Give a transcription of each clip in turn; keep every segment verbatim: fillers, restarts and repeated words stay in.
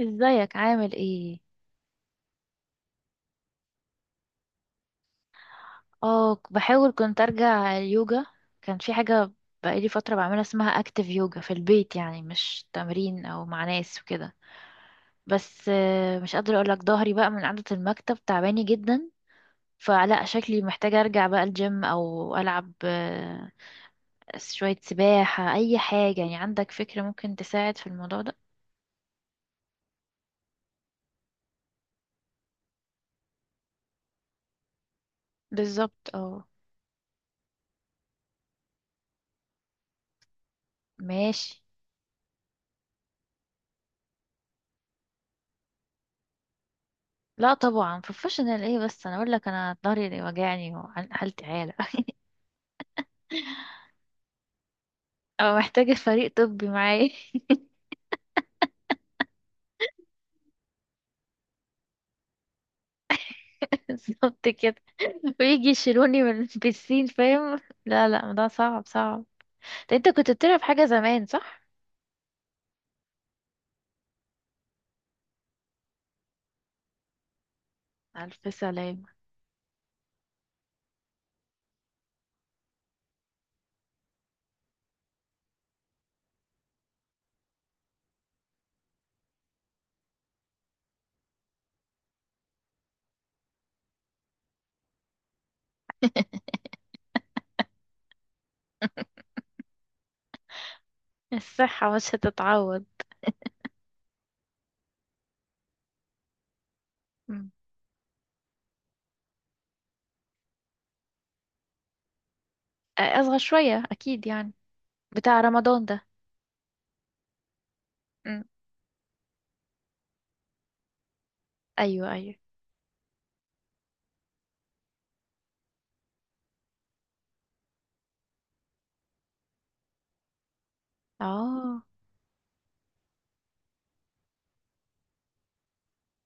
ازيك عامل ايه؟ اه، ك- بحاول كنت ارجع اليوجا. كان في حاجة بقالي فترة بعملها، اسمها اكتيف يوجا، في البيت، يعني مش تمرين او مع ناس وكده. بس آه، مش قادرة اقولك، ظهري بقى من قعدة المكتب تعباني جدا. فلا شكلي محتاجة ارجع بقى الجيم او العب، آه، شوية سباحة، اي حاجة. يعني عندك فكرة ممكن تساعد في الموضوع ده؟ بالظبط، اه. ماشي. لا طبعا بروفيشنال ايه، بس انا اقول لك، انا ظهري اللي وجعني وحالتي عالة. اه، محتاجة فريق طبي معايا. بالظبط كده. ويجي يشيلوني من البسين، فاهم؟ لا لا، ده صعب صعب. ده انت كنت بتلعب حاجة زمان، صح؟ ألف سلامة. الصحة مش هتتعوض. مم. آه، أصغر شوية أكيد يعني. بتاع رمضان ده. مم. أيوه، أيوه. اه.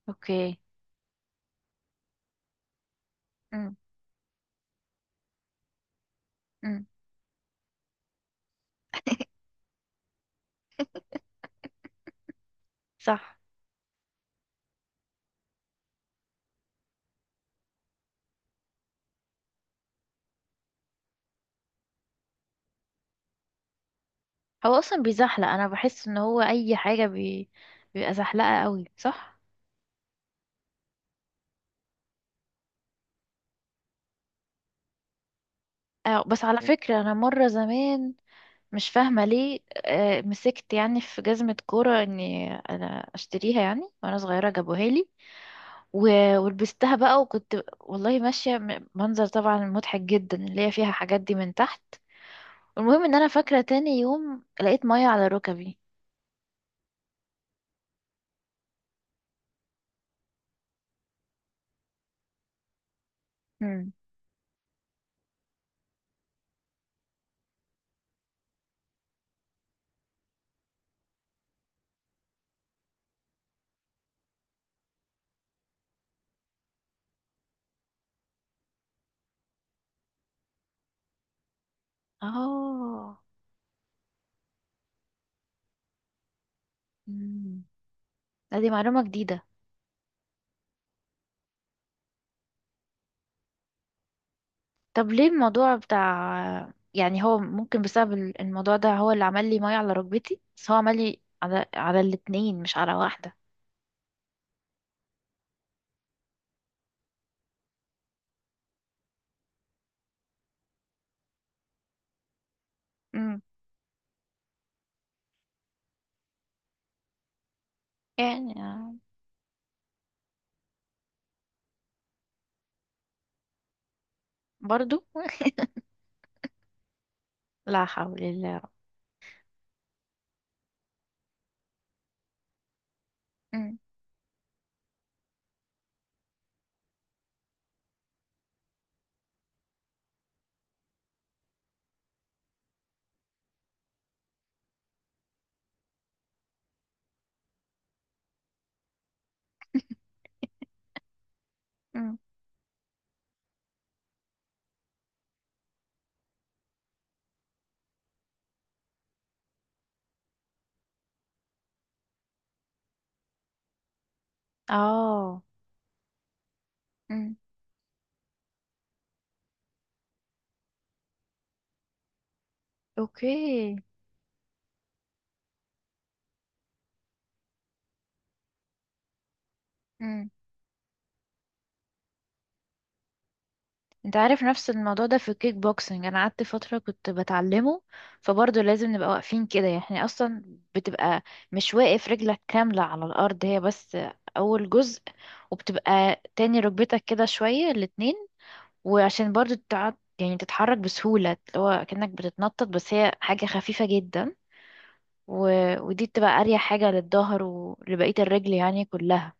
اوكي. مم. مم. صح. هو أصلا بيزحلق، أنا بحس إن هو أي حاجة بي... بيبقى زحلقة قوي، صح؟ آه بس على فكرة أنا مرة زمان، مش فاهمة ليه، آه، مسكت يعني في جزمة كورة، اني انا اشتريها يعني، وانا صغيرة جابوها لي. و- ولبستها بقى، وكنت والله ماشية، م- منظر طبعا مضحك جدا، اللي هي فيها حاجات دي من تحت. المهم ان انا فاكرة، تاني يوم لقيت مية على ركبي. مم. اه. مم. لا، دي معلومة جديدة. طب ليه الموضوع بتاع، يعني هو ممكن بسبب ال- الموضوع ده هو اللي عمل لي مية على ركبتي؟ بس هو عمل لي على على الاتنين مش على واحدة. يعني آه، برضو. لا حول الله. أم، أم. اه. أم. اوكي. أم. انت عارف، نفس الموضوع ده في الكيك بوكسنج انا قعدت فترة كنت بتعلمه. فبرضه لازم نبقى واقفين كده يعني اصلا، بتبقى مش واقف رجلك كاملة على الارض، هي بس اول جزء. وبتبقى تاني ركبتك كده شوية الاتنين، وعشان برضه تقعد يعني تتحرك بسهولة، اللي هو كأنك بتتنطط، بس هي حاجة خفيفة جدا. و... ودي بتبقى اريح حاجة للظهر ولبقية الرجل يعني كلها.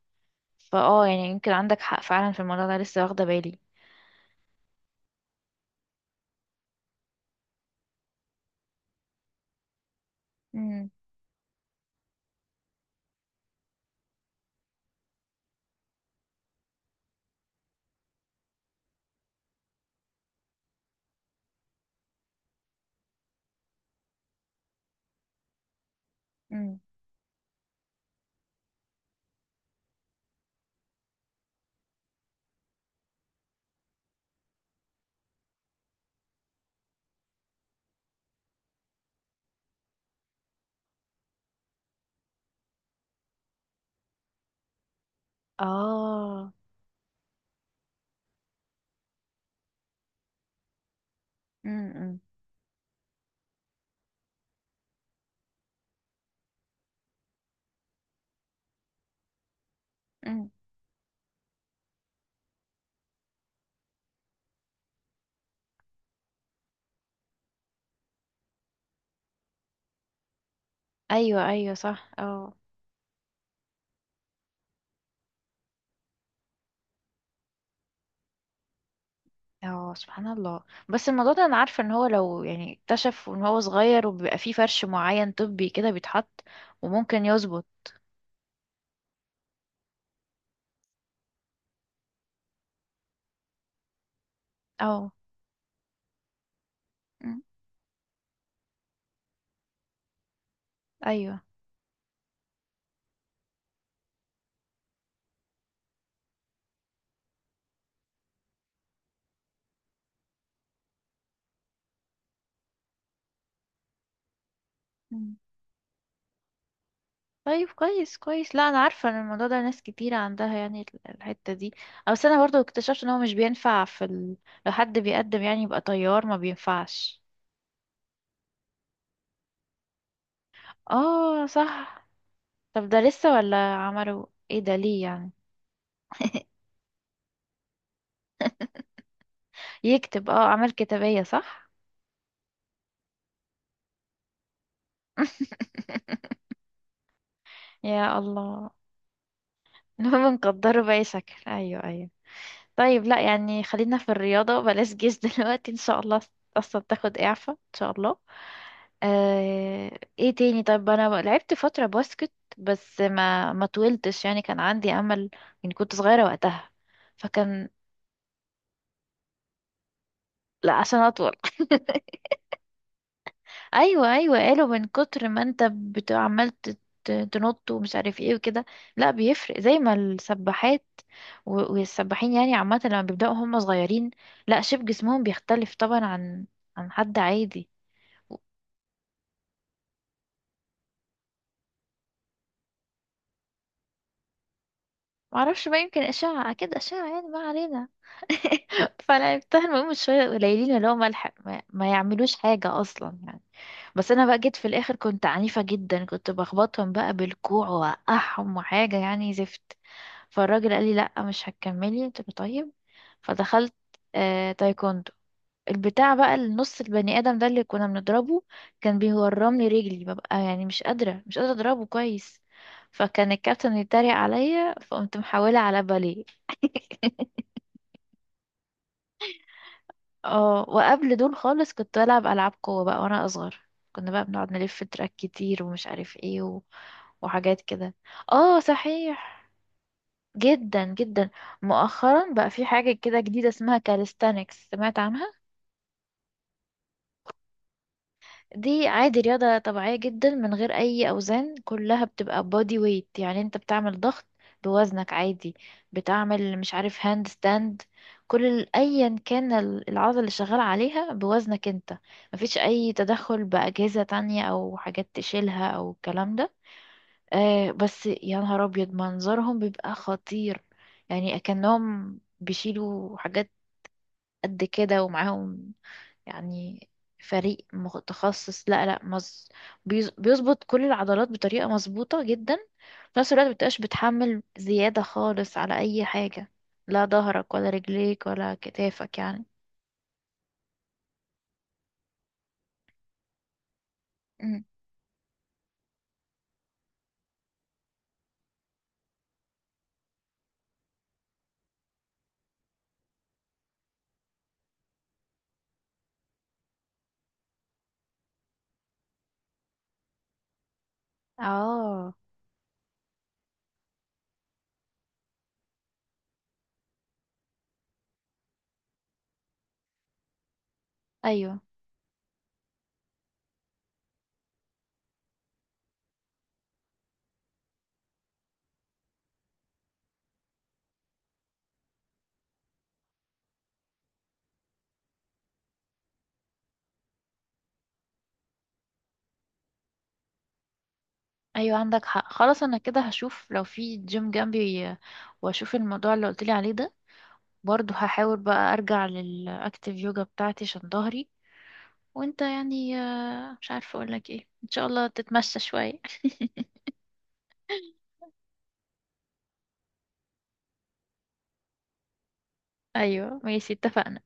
فاه يعني يمكن عندك حق فعلا في الموضوع ده، لسه واخدة بالي. امم. امم. اه. امم. امم. ايوه، ايوه، صح، اه. اه، سبحان الله. بس الموضوع ده انا عارفه ان هو لو يعني اكتشف ان هو صغير، وبيبقى فيه فرش معين طبي كده بيتحط، وممكن يظبط. اه. أمم. ايوه. طيب، كويس كويس. لا انا عارفه ان الموضوع ده ناس كتير عندها، يعني ال- الحته دي. أو بس انا برضو اكتشفت ان هو مش بينفع في ال... لو حد بيقدم يعني يبقى طيار، ما بينفعش. اه، صح. طب ده لسه ولا عملوا؟ ايه ده، ليه يعني؟ يكتب، اه، اعمال كتابيه، صح؟ يا الله. المهم نقدره باي شكل. ايوه، ايوه. طيب، لا يعني خلينا في الرياضة، بلاش جيش دلوقتي ان شاء الله. اصلا تاخد اعفاء ان شاء الله. آه، ايه تاني؟ طب انا لعبت فترة باسكت، بس ما ما طولتش، يعني كان عندي امل، يعني كنت صغيرة وقتها، فكان. لا عشان اطول. ايوه، ايوه، قالوا من كتر ما انت بت- عمال ت- ت- تنط ومش عارف ايه وكده. لا، بيفرق زي ما السباحات و- والسباحين، يعني عامه لما بيبداوا هم صغيرين، لا شيب، جسمهم بيختلف طبعا عن عن حد عادي. معرفش بقى، يمكن اشعه، اكيد اشعه يعني، ما علينا. فلعبتها، المهم شويه قليلين، اللي هو ملحق ما, ما يعملوش حاجه اصلا يعني. بس انا بقى جيت في الاخر كنت عنيفه جدا، كنت بخبطهم بقى بالكوع واوقعهم، وحاجه يعني زفت. فالراجل قال لي لا مش هتكملي، قلت له طيب، فدخلت. آه تايكوندو. البتاع بقى النص البني ادم ده اللي كنا بنضربه كان بيورمني رجلي، ببقى يعني مش قادره، مش قادره اضربه كويس. فكان الكابتن يتريق عليا، فقمت محولة على باليه. اه، وقبل دول خالص كنت بلعب العاب قوه بقى وانا اصغر، كنا بقى بنقعد نلف تراك كتير، ومش عارف ايه و... وحاجات كده. اه، صحيح. جدا جدا. مؤخرا بقى في حاجة كده جديدة اسمها كاليستانكس، سمعت عنها؟ دي عادي رياضة طبيعية جدا، من غير أي أوزان، كلها بتبقى بودي ويت، يعني انت بتعمل ضغط بوزنك عادي، بتعمل مش عارف هاند ستاند. كل ال- أيا كان ال- العضلة اللي شغال عليها بوزنك انت، مفيش أي تدخل بأجهزة تانية أو حاجات تشيلها أو الكلام ده. آه بس يا نهار أبيض، منظرهم بيبقى خطير، يعني كأنهم بيشيلوا حاجات قد كده، ومعاهم يعني فريق متخصص. لا لا، مز... بيز- بيظبط كل العضلات بطريقة مظبوطة جدا، في نفس الوقت مبتبقاش بتحمل زيادة خالص على أي حاجة، لا ظهرك ولا رجليك ولا كتافك يعني. أمم. اه. ايوه، ايوه، عندك حق. خلاص، انا كده هشوف لو في جيم جنبي، واشوف الموضوع اللي قلتلي عليه ده. برضه هحاول بقى ارجع للاكتيف يوجا بتاعتي عشان ظهري. وانت يعني آه، مش عارفة اقولك ايه، ان شاء الله تتمشى شوية. ايوه، ماشي، اتفقنا.